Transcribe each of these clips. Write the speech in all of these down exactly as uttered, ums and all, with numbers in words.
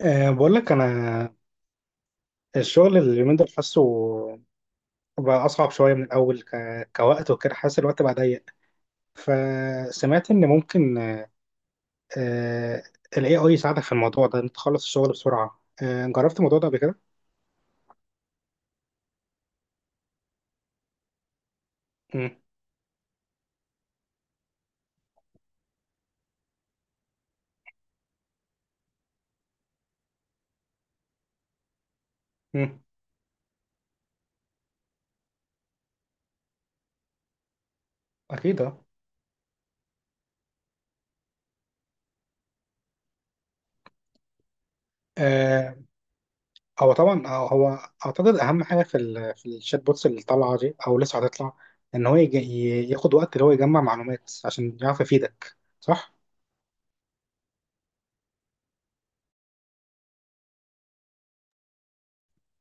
أه بقول لك انا الشغل اليومين دول حاسه بقى اصعب شويه من الاول ك... كوقت وكده، حاسس الوقت بقى ضيق، فسمعت ان ممكن أه ال اي اي يساعدك في الموضوع ده انت تخلص الشغل بسرعه. أه جربت الموضوع ده قبل كده؟ مم. مم. اكيد، اه. آه، هو طبعا آه، هو اعتقد اهم حاجه في ال... في الشات بوتس اللي طالعه دي او لسه هتطلع، ان هو يج... ي- ياخد وقت اللي هو يجمع معلومات عشان يعرف يفيدك، صح؟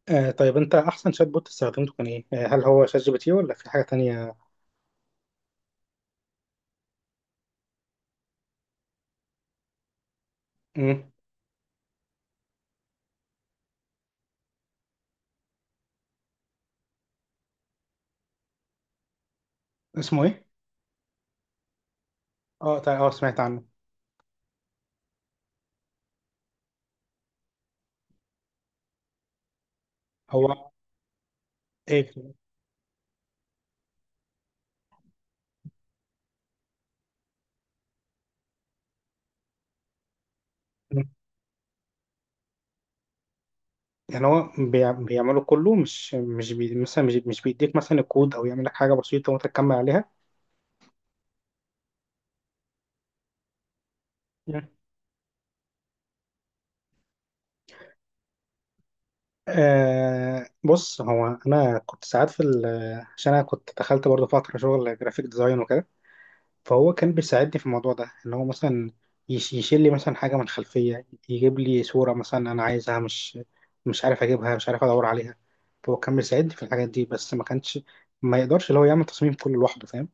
آه طيب، انت احسن شات بوت استخدمته كان ايه؟ آه هل هو شات جي بي تي ولا في حاجة تانية؟ مم. اسمه ايه؟ اه طيب، اه سمعت عنه. هو ايه؟ مم. يعني هو بيع- بيعمله كله، مش مش بي مثلا مش, مش بيديك مثلا الكود او يعمل لك حاجة بسيطة وانت تكمل عليها. مم. آه بص، هو انا كنت ساعات في ال- عشان انا كنت دخلت برضه فترة شغل جرافيك ديزاين وكده، فهو كان بيساعدني في الموضوع ده ان هو مثلا يش- يشيل لي مثلا حاجه من الخلفيه، يجيب لي صوره مثلا انا عايزها مش مش عارف اجيبها، مش عارف ادور عليها. فهو كان بيساعدني في الحاجات دي، بس ما كانش، ما يقدرش اللي هو يعمل تصميم كله لوحده، فاهم؟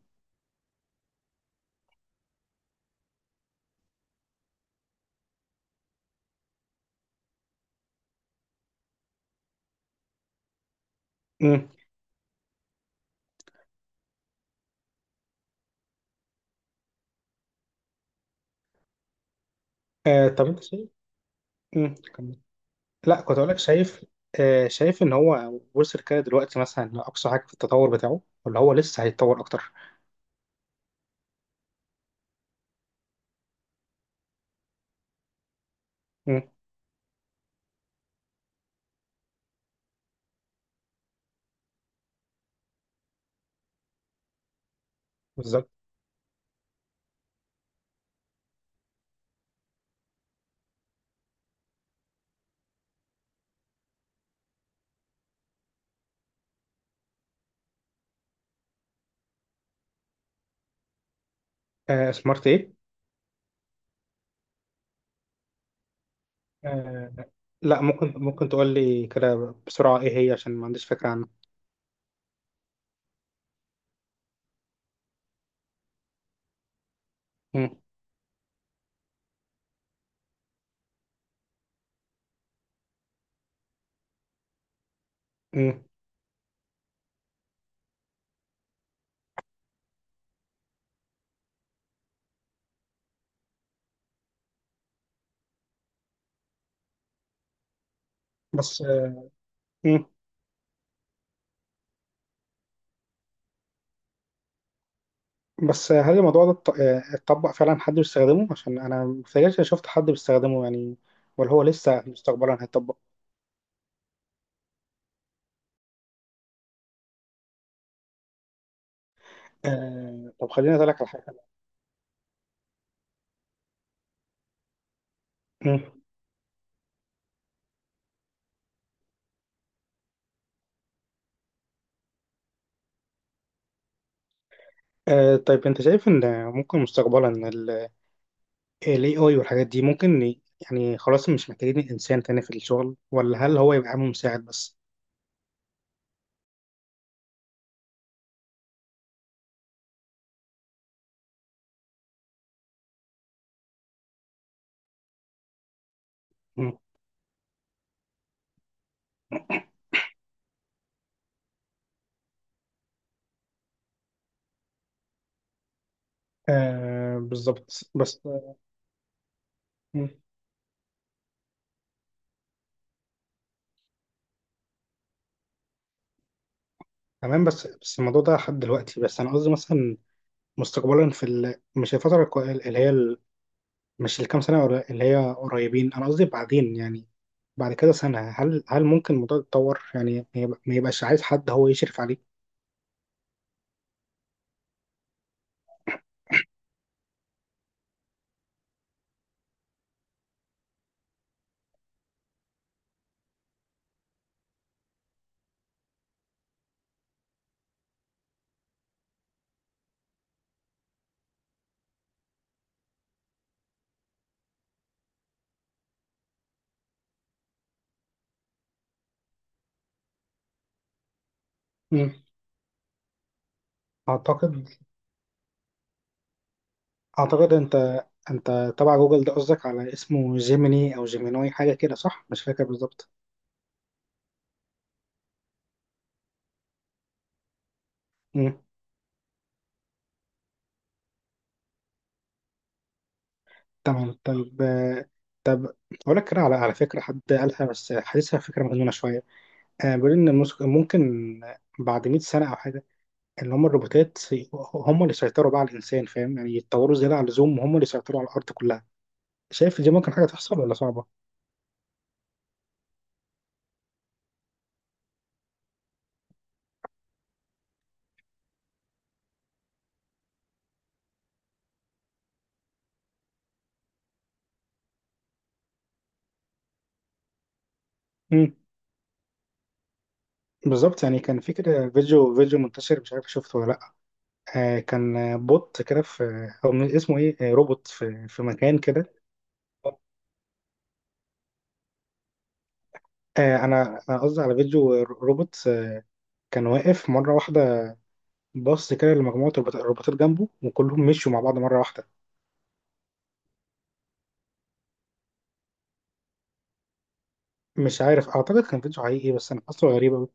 امم. آه طب انت شايف. امم كمل. لا، كنت اقول لك. شايف آه شايف ان هو وصل كده دلوقتي مثلا لاقصى حاجه في التطور بتاعه، ولا هو لسه هيتطور اكتر؟ امم. بالظبط. آه سمارت ايه؟ آه لا، ممكن ممكن تقول لي كده بسرعه ايه هي، عشان ما عنديش فكره عنها؟ مم. مم. بس آه، مم. بس آه، هل الموضوع ده اتط- آه، اتطبق فعلا؟ حد بيستخدمه؟ عشان انا متهيألي شفت حد بيستخدمه، يعني. ولا هو لسه مستقبلا هيتطبق؟ آه طب خليني اسالك على حاجه. مم. آه طيب، انت شايف ان ممكن مستقبلا ال اي اي والحاجات دي ممكن ي- يعني خلاص مش محتاجين الانسان تاني في الشغل، ولا هل هو يبقى عامل مساعد بس؟ مم. آه بالظبط، بس. مم. تمام. بس بس الموضوع ده لحد دلوقتي، بس انا قصدي مثلا مستقبلا في ال... مش الفترة الكو- اللي هي ال... مش الكام سنة قر- اللي هي قريبين. أنا قصدي بعدين، يعني بعد كده سنة، هل هل ممكن الموضوع يتطور، يعني ما يب- ما يبقاش عايز حد هو يشرف عليه؟ مم. أعتقد أعتقد أنت أنت تبع جوجل ده قصدك على اسمه جيميني أو جيمينوي حاجة كده، صح؟ مش فاكر بالظبط. مم. تمام، طيب، آه، طب أقول لك كده، على على فكرة حد قالها بس حاسسها فكرة مجنونة شوية. آه، بيقول إن المس- ممكن بعد مية سنة أو حاجة اللي هم الروبوتات سي- هم اللي سيطروا بقى على الانسان، فاهم؟ يعني يتطوروا زياده عن اللزوم، وهم اللي سيطروا على الارض كلها. شايف دي ممكن حاجه تحصل ولا صعبه؟ امم. بالظبط، يعني كان في كده فيديو، فيديو منتشر، مش عارف شفته ولا لا. آه كان آه، بوت كده في او من- اسمه ايه، آه، روبوت في في مكان كده. آه انا انا قصدي على فيديو، آه، روبوت آه، كان واقف مره واحده، بص كده لمجموعه الروبوتات، الروبوتات جنبه، وكلهم مشوا مع بعض مره واحده. مش عارف، اعتقد كان فيديو حقيقي، بس انا حاسه غريب أوي.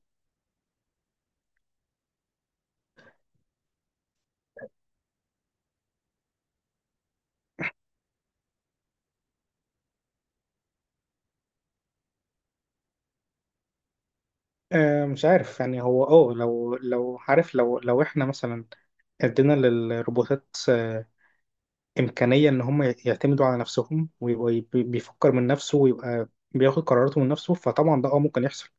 آه، مش عارف يعني. هو اه لو، لو عارف، لو لو احنا مثلا ادينا للروبوتات آه، امكانيه ان هم يعتمدوا على نفسهم، ويبقى يبي- بيفكر من نفسه، ويبقى بياخد قراراته من نفسه، فطبعا ده اه ممكن يحصل.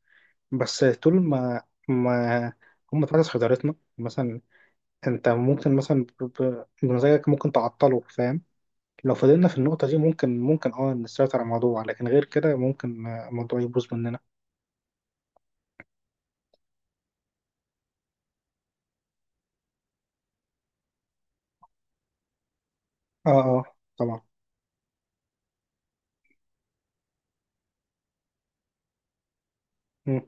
بس طول ما ما هم تحت سيطرتنا، مثلا انت ممكن مثلا ب- ب- بمزاجك ممكن تعطله، فاهم؟ لو فضلنا في النقطه دي ممكن، ممكن اه نسيطر على الموضوع، لكن غير كده ممكن آه، الموضوع يبوظ مننا. اه، اه، طبعا. مم.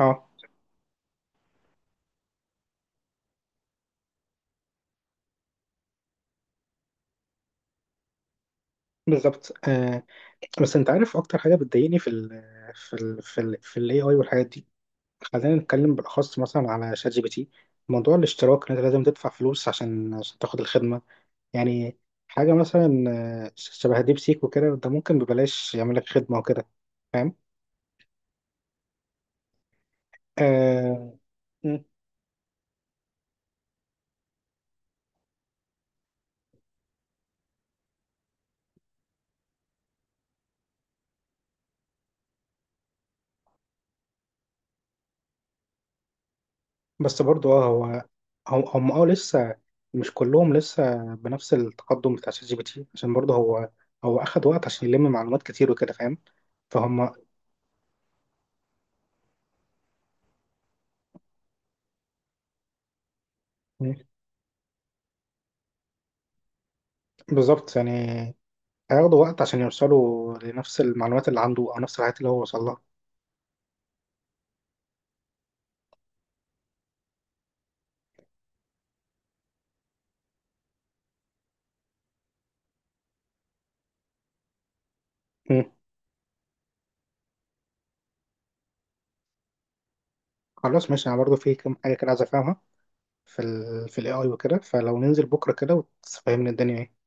اه، بالظبط. آه بس انت عارف اكتر حاجه بتضايقني في ال في ال في ال في الاي اي والحاجات دي. خلينا نتكلم بالاخص مثلا على شات جي بي تي: موضوع الاشتراك، ان انت لازم تدفع فلوس عشان عشان تاخد الخدمه. يعني حاجه مثلا آه، شبه ديب سيك وكده، ده ممكن ببلاش يعمل لك خدمه وكده، فاهم؟ آه م. بس برضو اه هو هو- هم اه لسه مش كلهم لسه بنفس التقدم بتاع شات جي بي تي، عشان برضه هو هو اخد وقت عشان يلم معلومات كتير وكده، فاهم؟ فهم. بالظبط، يعني هياخدوا وقت عشان يوصلوا لنفس المعلومات اللي عنده، او نفس الحاجات اللي هو وصل لها. مم. خلاص، ماشي، انا برضو في كم حاجه كده عايز افهمها في ال في الاي اي وكده، فلو ننزل بكره كده وتفهمني الدنيا ايه.